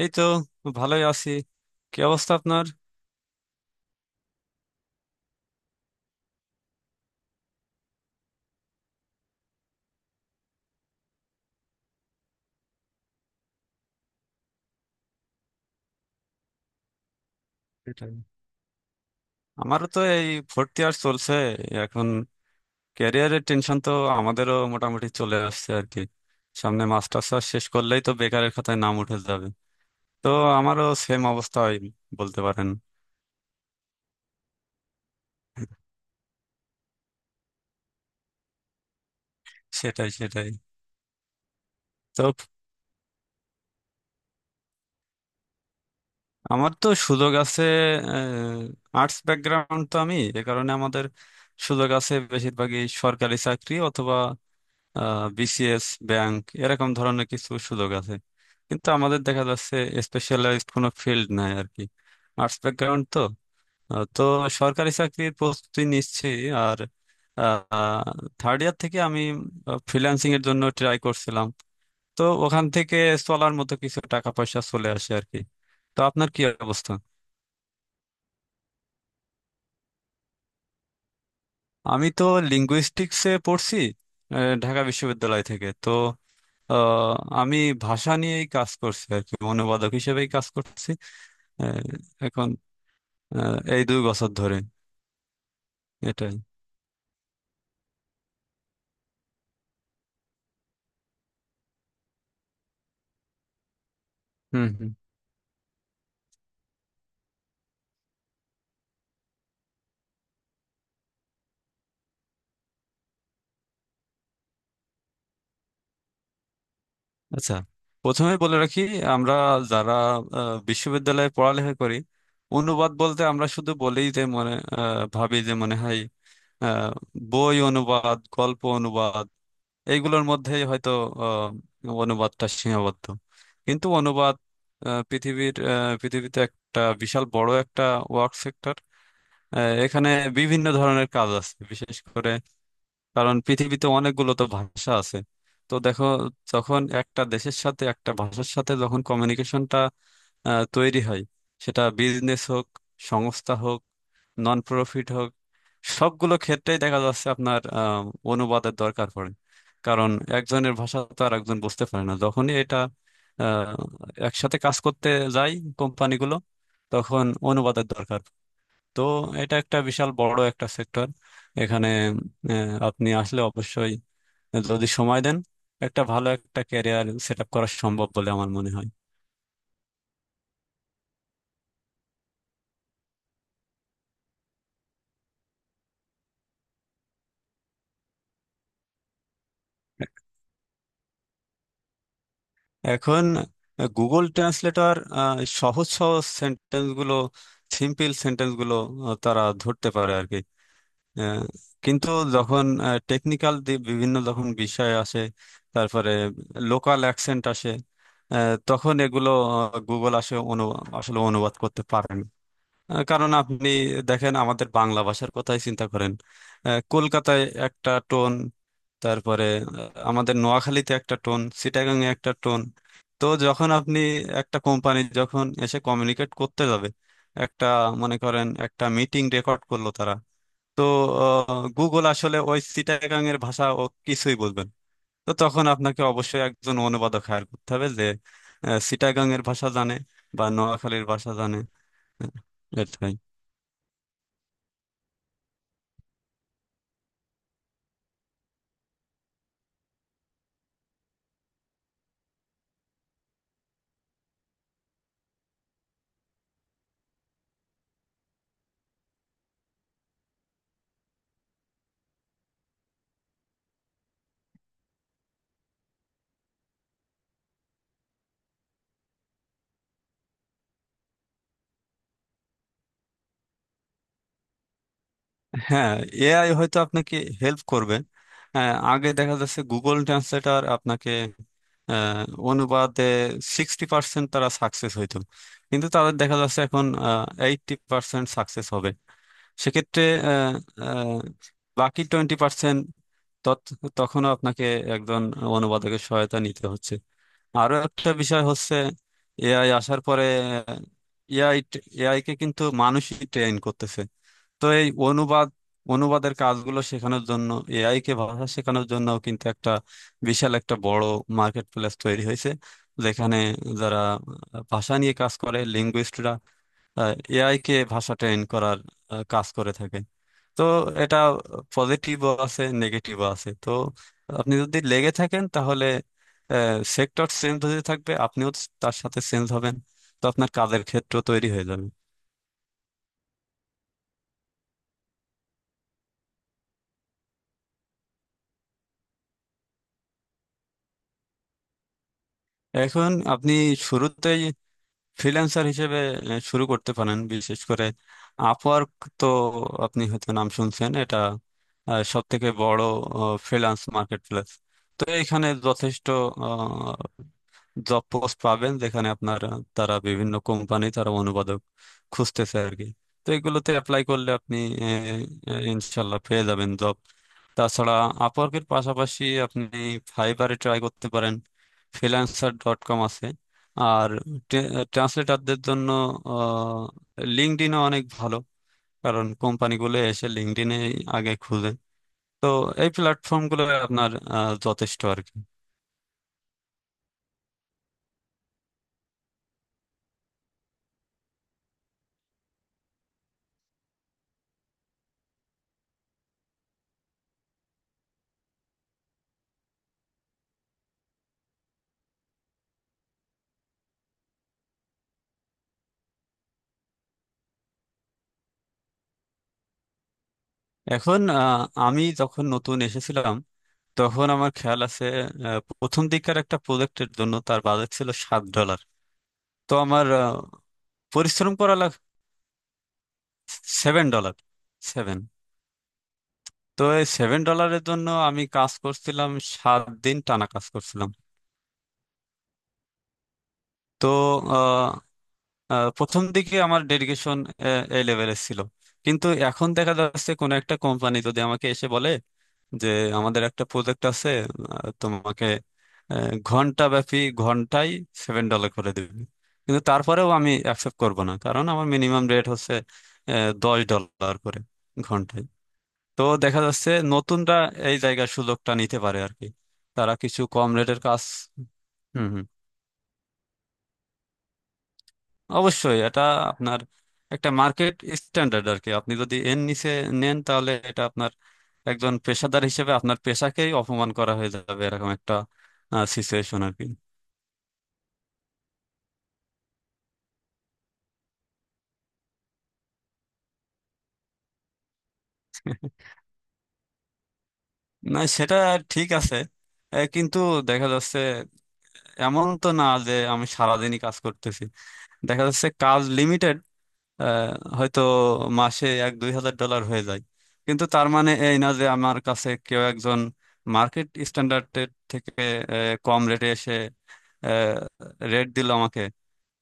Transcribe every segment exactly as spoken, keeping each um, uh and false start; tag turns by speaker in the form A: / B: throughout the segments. A: এই তো ভালোই আছি। কি অবস্থা আপনার? সেটাই। আমারও তো এই ফোর্থ ইয়ার চলছে এখন। ক্যারিয়ারের টেনশন তো আমাদেরও মোটামুটি চলে আসছে আর কি। সামনে মাস্টার্স শেষ করলেই তো বেকারের খাতায় নাম উঠে যাবে। তো আমারও সেম অবস্থা হয় বলতে পারেন। সেটাই সেটাই। তো আমার তো সুযোগ আছে, আর্টস ব্যাকগ্রাউন্ড তো, আমি এ কারণে আমাদের সুযোগ আছে বেশিরভাগই সরকারি চাকরি অথবা বিসিএস, ব্যাংক, এরকম ধরনের কিছু সুযোগ আছে। কিন্তু আমাদের দেখা যাচ্ছে স্পেশালাইজড কোনো ফিল্ড নাই আর কি। আর্টস ব্যাকগ্রাউন্ড তো। আহ, তো সরকারি চাকরির প্রস্তুতি নিচ্ছি। আর থার্ড ইয়ার থেকে আমি ফ্রিল্যান্সিং এর জন্য ট্রাই করছিলাম। তো ওখান থেকে চলার মতো কিছু টাকা পয়সা চলে আসে আর কি। তো আপনার কি অবস্থা? আমি তো লিঙ্গুইস্টিক্সে পড়ছি। আহ, ঢাকা বিশ্ববিদ্যালয় থেকে তো। আহ, আমি ভাষা নিয়েই কাজ করছি আর কি, অনুবাদক হিসেবেই কাজ করছি আহ, এখন, আহ, এই দুই বছর ধরে। এটাই। হুম হুম। আচ্ছা, প্রথমে বলে রাখি আমরা যারা আহ, বিশ্ববিদ্যালয়ে পড়ালেখা করি, অনুবাদ বলতে আমরা শুধু বলেই যে মনে আহ, ভাবি যে মনে হয় আহ, বই অনুবাদ, গল্প অনুবাদ, এইগুলোর মধ্যেই হয়তো আহ, অনুবাদটা সীমাবদ্ধ। কিন্তু অনুবাদ আহ, পৃথিবীর আহ, পৃথিবীতে একটা বিশাল বড় একটা ওয়ার্ক সেক্টর। আহ, এখানে বিভিন্ন ধরনের কাজ আছে, বিশেষ করে কারণ পৃথিবীতে অনেকগুলো তো ভাষা আছে। তো দেখো, যখন একটা দেশের সাথে, একটা ভাষার সাথে যখন কমিউনিকেশনটা তৈরি হয়, সেটা বিজনেস হোক, সংস্থা হোক, নন প্রফিট হোক, সবগুলো ক্ষেত্রেই দেখা যাচ্ছে আপনার আহ, অনুবাদের দরকার পড়ে। কারণ একজনের ভাষা তো আর একজন বুঝতে পারে না। যখনই এটা আহ, একসাথে কাজ করতে যায় কোম্পানিগুলো, তখন অনুবাদের দরকার। তো এটা একটা বিশাল বড় একটা সেক্টর। এখানে আহ, আপনি আসলে অবশ্যই যদি সময় দেন, একটা ভালো একটা ক্যারিয়ার সেট আপ করা সম্ভব বলে আমার মনে হয়। এখন গুগল ট্রান্সলেটর সহজ সহজ সেন্টেন্স গুলো, সিম্পল সেন্টেন্স গুলো আহ, তারা ধরতে পারে আর কি। আহ, কিন্তু যখন টেকনিক্যাল বিভিন্ন যখন বিষয় আসে, তারপরে লোকাল অ্যাকসেন্ট আসে, আহ, তখন এগুলো গুগল আসে অনু আসলে অনুবাদ করতে পারে না। আহ, কারণ আপনি দেখেন আমাদের বাংলা ভাষার কথাই চিন্তা করেন। আহ, কলকাতায় একটা টোন, তারপরে আহ, আমাদের নোয়াখালীতে একটা টোন, চিটাগাং এ একটা টোন। তো যখন আপনি একটা কোম্পানি যখন এসে কমিউনিকেট করতে যাবে, একটা, মনে করেন একটা মিটিং রেকর্ড করলো তারা, তো গুগল আসলে ওই চিটাগাং এর ভাষা ও কিছুই বলবেন। তো তখন আপনাকে অবশ্যই একজন অনুবাদক হায়ার করতে হবে যে আহ, চিটাগাং এর ভাষা জানে বা নোয়াখালীর ভাষা জানে। হ্যাঁ, এটাই। হ্যাঁ, এআই হয়তো আপনাকে হেল্প করবে। আহ, আগে দেখা যাচ্ছে গুগল ট্রান্সলেটর আপনাকে আহ, অনুবাদে সিক্সটি পার্সেন্ট তারা সাকসেস হইতো। কিন্তু তাদের দেখা যাচ্ছে এখন এইটটি পার্সেন্ট সাকসেস হবে। সেক্ষেত্রে আহ, আহ, বাকি টোয়েন্টি পার্সেন্ট তখনও আপনাকে একজন অনুবাদকের সহায়তা নিতে হচ্ছে। আরো একটা বিষয় হচ্ছে, এআই আসার পরে এআই এআই কে কিন্তু মানুষই ট্রেন করতেছে। তো এই অনুবাদ অনুবাদের কাজগুলো শেখানোর জন্য, এআই কে ভাষা শেখানোর জন্য কিন্তু একটা বিশাল একটা বড় মার্কেট প্লেস তৈরি হয়েছে, যেখানে যারা ভাষা নিয়ে কাজ করে, লিঙ্গুইস্টরা এআই কে ভাষা ট্রেন করার আহ, কাজ করে থাকে। তো এটা পজিটিভও আছে, নেগেটিভও আছে। তো আপনি যদি লেগে থাকেন, তাহলে সেক্টর চেঞ্জ হতে থাকবে, আপনিও তার সাথে চেঞ্জ হবেন। তো আপনার কাজের ক্ষেত্র তৈরি হয়ে যাবে। এখন আপনি শুরুতেই ফ্রিল্যান্সার হিসেবে আহ, শুরু করতে পারেন, বিশেষ করে আপওয়ার্ক। তো আপনি হয়তো নাম শুনছেন এটা, সব থেকে বড় ফ্রিল্যান্স মার্কেট প্লেস। তো এখানে যথেষ্ট জব পোস্ট পাবেন যেখানে আপনার আহ, তারা বিভিন্ন কোম্পানি, তারা অনুবাদক খুঁজতেছে আর কি। তো এগুলোতে অ্যাপ্লাই করলে আপনি আহ, আহ, ইনশাল্লাহ পেয়ে যাবেন জব। তাছাড়া আপওয়ার্কের পাশাপাশি আপনি ফাইবারে ট্রাই করতে পারেন, ফ্রিল্যান্সার ডট কম আছে। আর ট্রান্সলেটারদের জন্য লিঙ্কডইনও অনেক ভালো, কারণ কোম্পানিগুলো এসে লিঙ্কডইনে আগে খুঁজে। তো এই প্ল্যাটফর্মগুলো আপনার আহ, যথেষ্ট আর কি। এখন আহ, আমি যখন নতুন এসেছিলাম, তখন আমার খেয়াল আছে আহ, প্রথম দিককার একটা প্রজেক্টের জন্য তার বাজেট ছিল সাত ডলার। তো আমার আহ, পরিশ্রম করা লাগ সেভেন ডলার, সেভেন। তো এই সেভেন ডলারের জন্য আমি কাজ করছিলাম, সাত দিন টানা কাজ করছিলাম। তো আহ, আহ, প্রথম দিকে আমার ডেডিকেশন এই লেভেলের ছিল। কিন্তু এখন দেখা যাচ্ছে কোনো একটা কোম্পানি যদি আমাকে এসে বলে যে আমাদের একটা প্রজেক্ট আছে, আহ, তোমাকে ঘন্টা ব্যাপী, ঘন্টায় সেভেন ডলার করে দেবে, কিন্তু তারপরেও আমি অ্যাকসেপ্ট করব না, কারণ আমার মিনিমাম রেট হচ্ছে আহ, দশ ডলার করে ঘন্টায়। তো দেখা যাচ্ছে নতুনরা এই জায়গার সুযোগটা নিতে পারে আর কি, তারা কিছু কম রেটের কাজ। হুম হুম। অবশ্যই এটা আপনার একটা মার্কেট স্ট্যান্ডার্ড আর কি। আপনি যদি এর নিচে নেন, তাহলে এটা আপনার একজন পেশাদার হিসেবে আপনার পেশাকেই অপমান করা হয়ে যাবে, এরকম একটা সিচুয়েশন আর কি। না সেটা ঠিক আছে। এ, কিন্তু দেখা যাচ্ছে এমন তো না যে আমি সারাদিনই কাজ করতেছি। দেখা যাচ্ছে কাজ লিমিটেড। আহ, হয়তো মাসে এক দুই হাজার ডলার হয়ে যায়। কিন্তু তার মানে এই না যে আমার কাছে কেউ একজন মার্কেট স্ট্যান্ডার্ডের থেকে আহ, কম রেটে এসে রেট দিল আমাকে,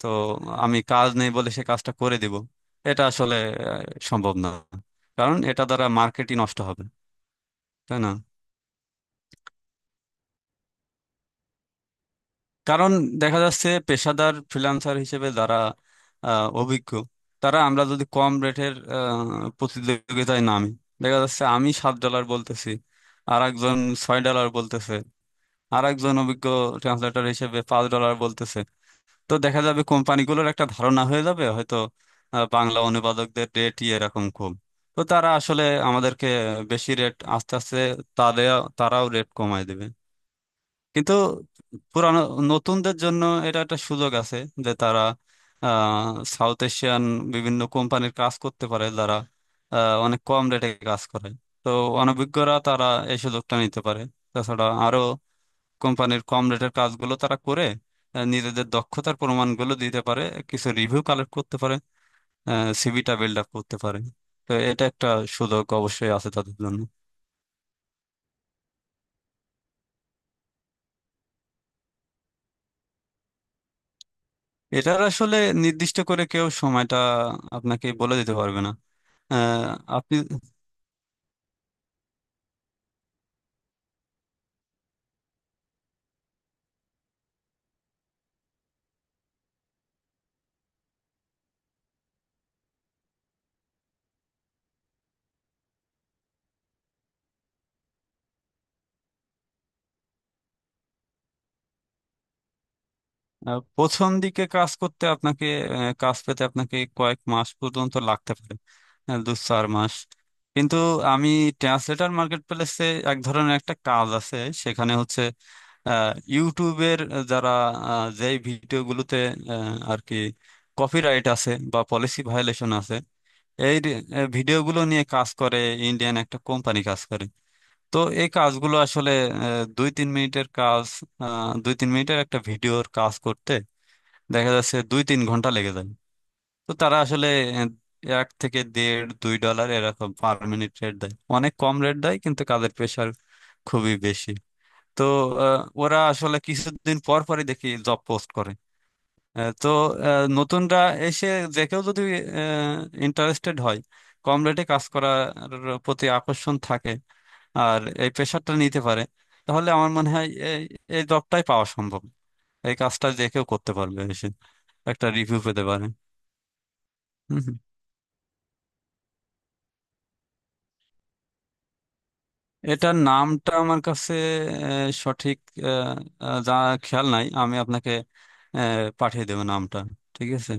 A: তো আমি কাজ নেই বলে সে কাজটা করে দিব। এটা আসলে আহ, সম্ভব না, কারণ এটা দ্বারা মার্কেটই নষ্ট হবে, তাই না। কারণ দেখা যাচ্ছে পেশাদার ফ্রিল্যান্সার হিসেবে যারা আহ, অভিজ্ঞ, তারা আমরা যদি কম রেটের প্রতিযোগিতায় নামি, দেখা যাচ্ছে আমি সাত ডলার বলতেছি, আর একজন ছয় ডলার বলতেছে, আর একজন অভিজ্ঞ ট্রান্সলেটর হিসেবে পাঁচ ডলার বলতেছে। তো দেখা যাবে কোম্পানিগুলোর একটা ধারণা হয়ে যাবে, হয়তো আহ, বাংলা অনুবাদকদের রেট এরকম কম। তো তারা আসলে আমাদেরকে বেশি রেট আস্তে আস্তে, তাদের তারাও রেট কমায় দেবে। কিন্তু পুরানো, নতুনদের জন্য এটা একটা সুযোগ আছে, যে তারা সাউথ এশিয়ান বিভিন্ন কোম্পানির কাজ করতে পারে, যারা আহ, অনেক কম রেটে কাজ করে। তো অনভিজ্ঞরা তারা এই সুযোগটা নিতে পারে। তাছাড়া আরো কোম্পানির কম রেটের কাজগুলো তারা করে আহ, নিজেদের দক্ষতার প্রমাণগুলো দিতে পারে, কিছু রিভিউ কালেক্ট করতে পারে, সিভিটা বিল্ড আপ করতে পারে। তো এটা একটা সুযোগ অবশ্যই আছে তাদের জন্য। এটার আসলে নির্দিষ্ট করে কেউ সময়টা আপনাকে বলে দিতে পারবে না। আহ, আপনি আহ, প্রথম দিকে কাজ করতে আপনাকে আহ, কাজ পেতে আপনাকে কয়েক মাস পর্যন্ত লাগতে পারে, আহ, দু চার মাস। কিন্তু আমি, ট্রান্সলেটর মার্কেট প্লেসে এক ধরনের একটা কাজ আছে, সেখানে হচ্ছে আহ, ইউটিউবের, যারা আহ, যেই ভিডিওগুলোতে আহ, আর কি কপিরাইট আছে বা পলিসি ভায়োলেশন আছে, এই রে- আহ, ভিডিওগুলো নিয়ে কাজ করে ইন্ডিয়ান একটা কোম্পানি কাজ করে। তো এই কাজগুলো আসলে আহ, দুই তিন মিনিটের কাজ। আহ, দুই তিন মিনিটের একটা ভিডিওর কাজ করতে দেখা যাচ্ছে দুই তিন ঘন্টা লেগে যায়। তো তারা আসলে আহ, এক থেকে দেড় দুই ডলার এরকম পার মিনিট রেট দেয়, অনেক কম রেট দেয়, কিন্তু কাজের প্রেশার খুবই বেশি। তো আহ, ওরা আসলে কিছুদিন পর পরই দেখি জব পোস্ট করে। আহ, তো আহ, নতুনরা এসে যে কেউ যদি ইন্টারেস্টেড হয়, কম রেটে কাজ করার প্রতি আকর্ষণ থাকে, আর এই প্রেশারটা নিতে পারে, তাহলে আমার মনে হয় এই এই জবটাই পাওয়া সম্ভব। এই কাজটা যে কেউ করতে পারবে এসে, একটা রিভিউ পেতে পারে। হুম হুম। এটার নামটা আমার কাছে আহ, সঠিক আহ, আহ, যা খেয়াল নাই, আমি আপনাকে আহ, পাঠিয়ে দেবো নামটা। ঠিক আছে।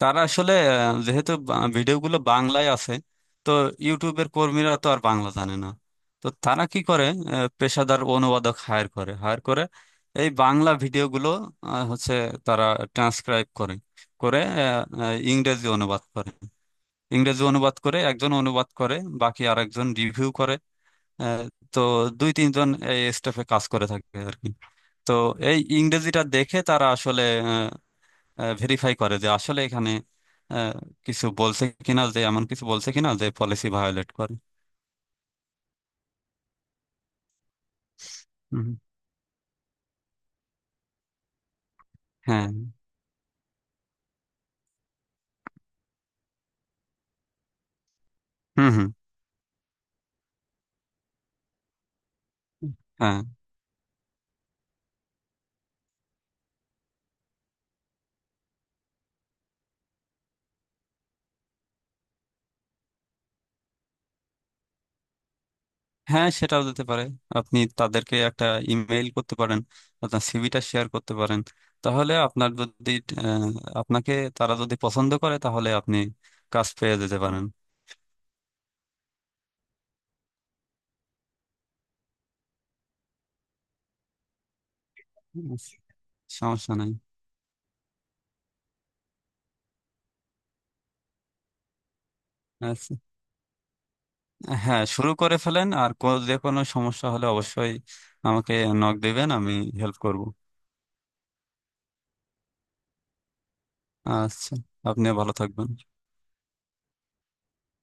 A: তারা আসলে আহ, যেহেতু বা- ভিডিওগুলো বাংলায় আছে, তো ইউটিউবের কর্মীরা তো আর বাংলা জানে না। তো তারা কি করে, আহ, পেশাদার অনুবাদক হায়ার করে হায়ার করে এই বাংলা ভিডিওগুলো আহ, হচ্ছে, তারা ট্রান্সক্রাইব করে করে আহ, আহ, ইংরেজি অনুবাদ করে, ইংরেজি অনুবাদ করে একজন অনুবাদ করে, বাকি আরেকজন রিভিউ করে। আহ, তো দুই তিনজন এই স্টাফে কাজ করে থাকে আর কি। তো এই ইংরেজিটা দেখে তারা আসলে ভেরিফাই করে যে আসলে এখানে আহ, কিছু বলছে কিনা, যে এমন কিছু বলছে কিনা যে পলিসি ভায়োলেট করে। হুম, হ্যাঁ, হুম হুম, হ্যাঁ, হ্যাঁ সেটাও দিতে পারে। আপনি তাদেরকে একটা ইমেল করতে পারেন, আপনার সিভিটা শেয়ার করতে পারেন। তাহলে আপনার যদি আহ, আপনাকে তারা যদি পছন্দ করে, তাহলে আপনি কাজ পেয়ে যেতে পারেন। আচ্ছা, সমস্যা নাই। আচ্ছা। হ্যাঁ, শুরু করে ফেলেন আর কো- যে কোনো সমস্যা হলে অবশ্যই আমাকে নক দিবেন, আমি হেল্প করব। আচ্ছা, আপনিও ভালো থাকবেন।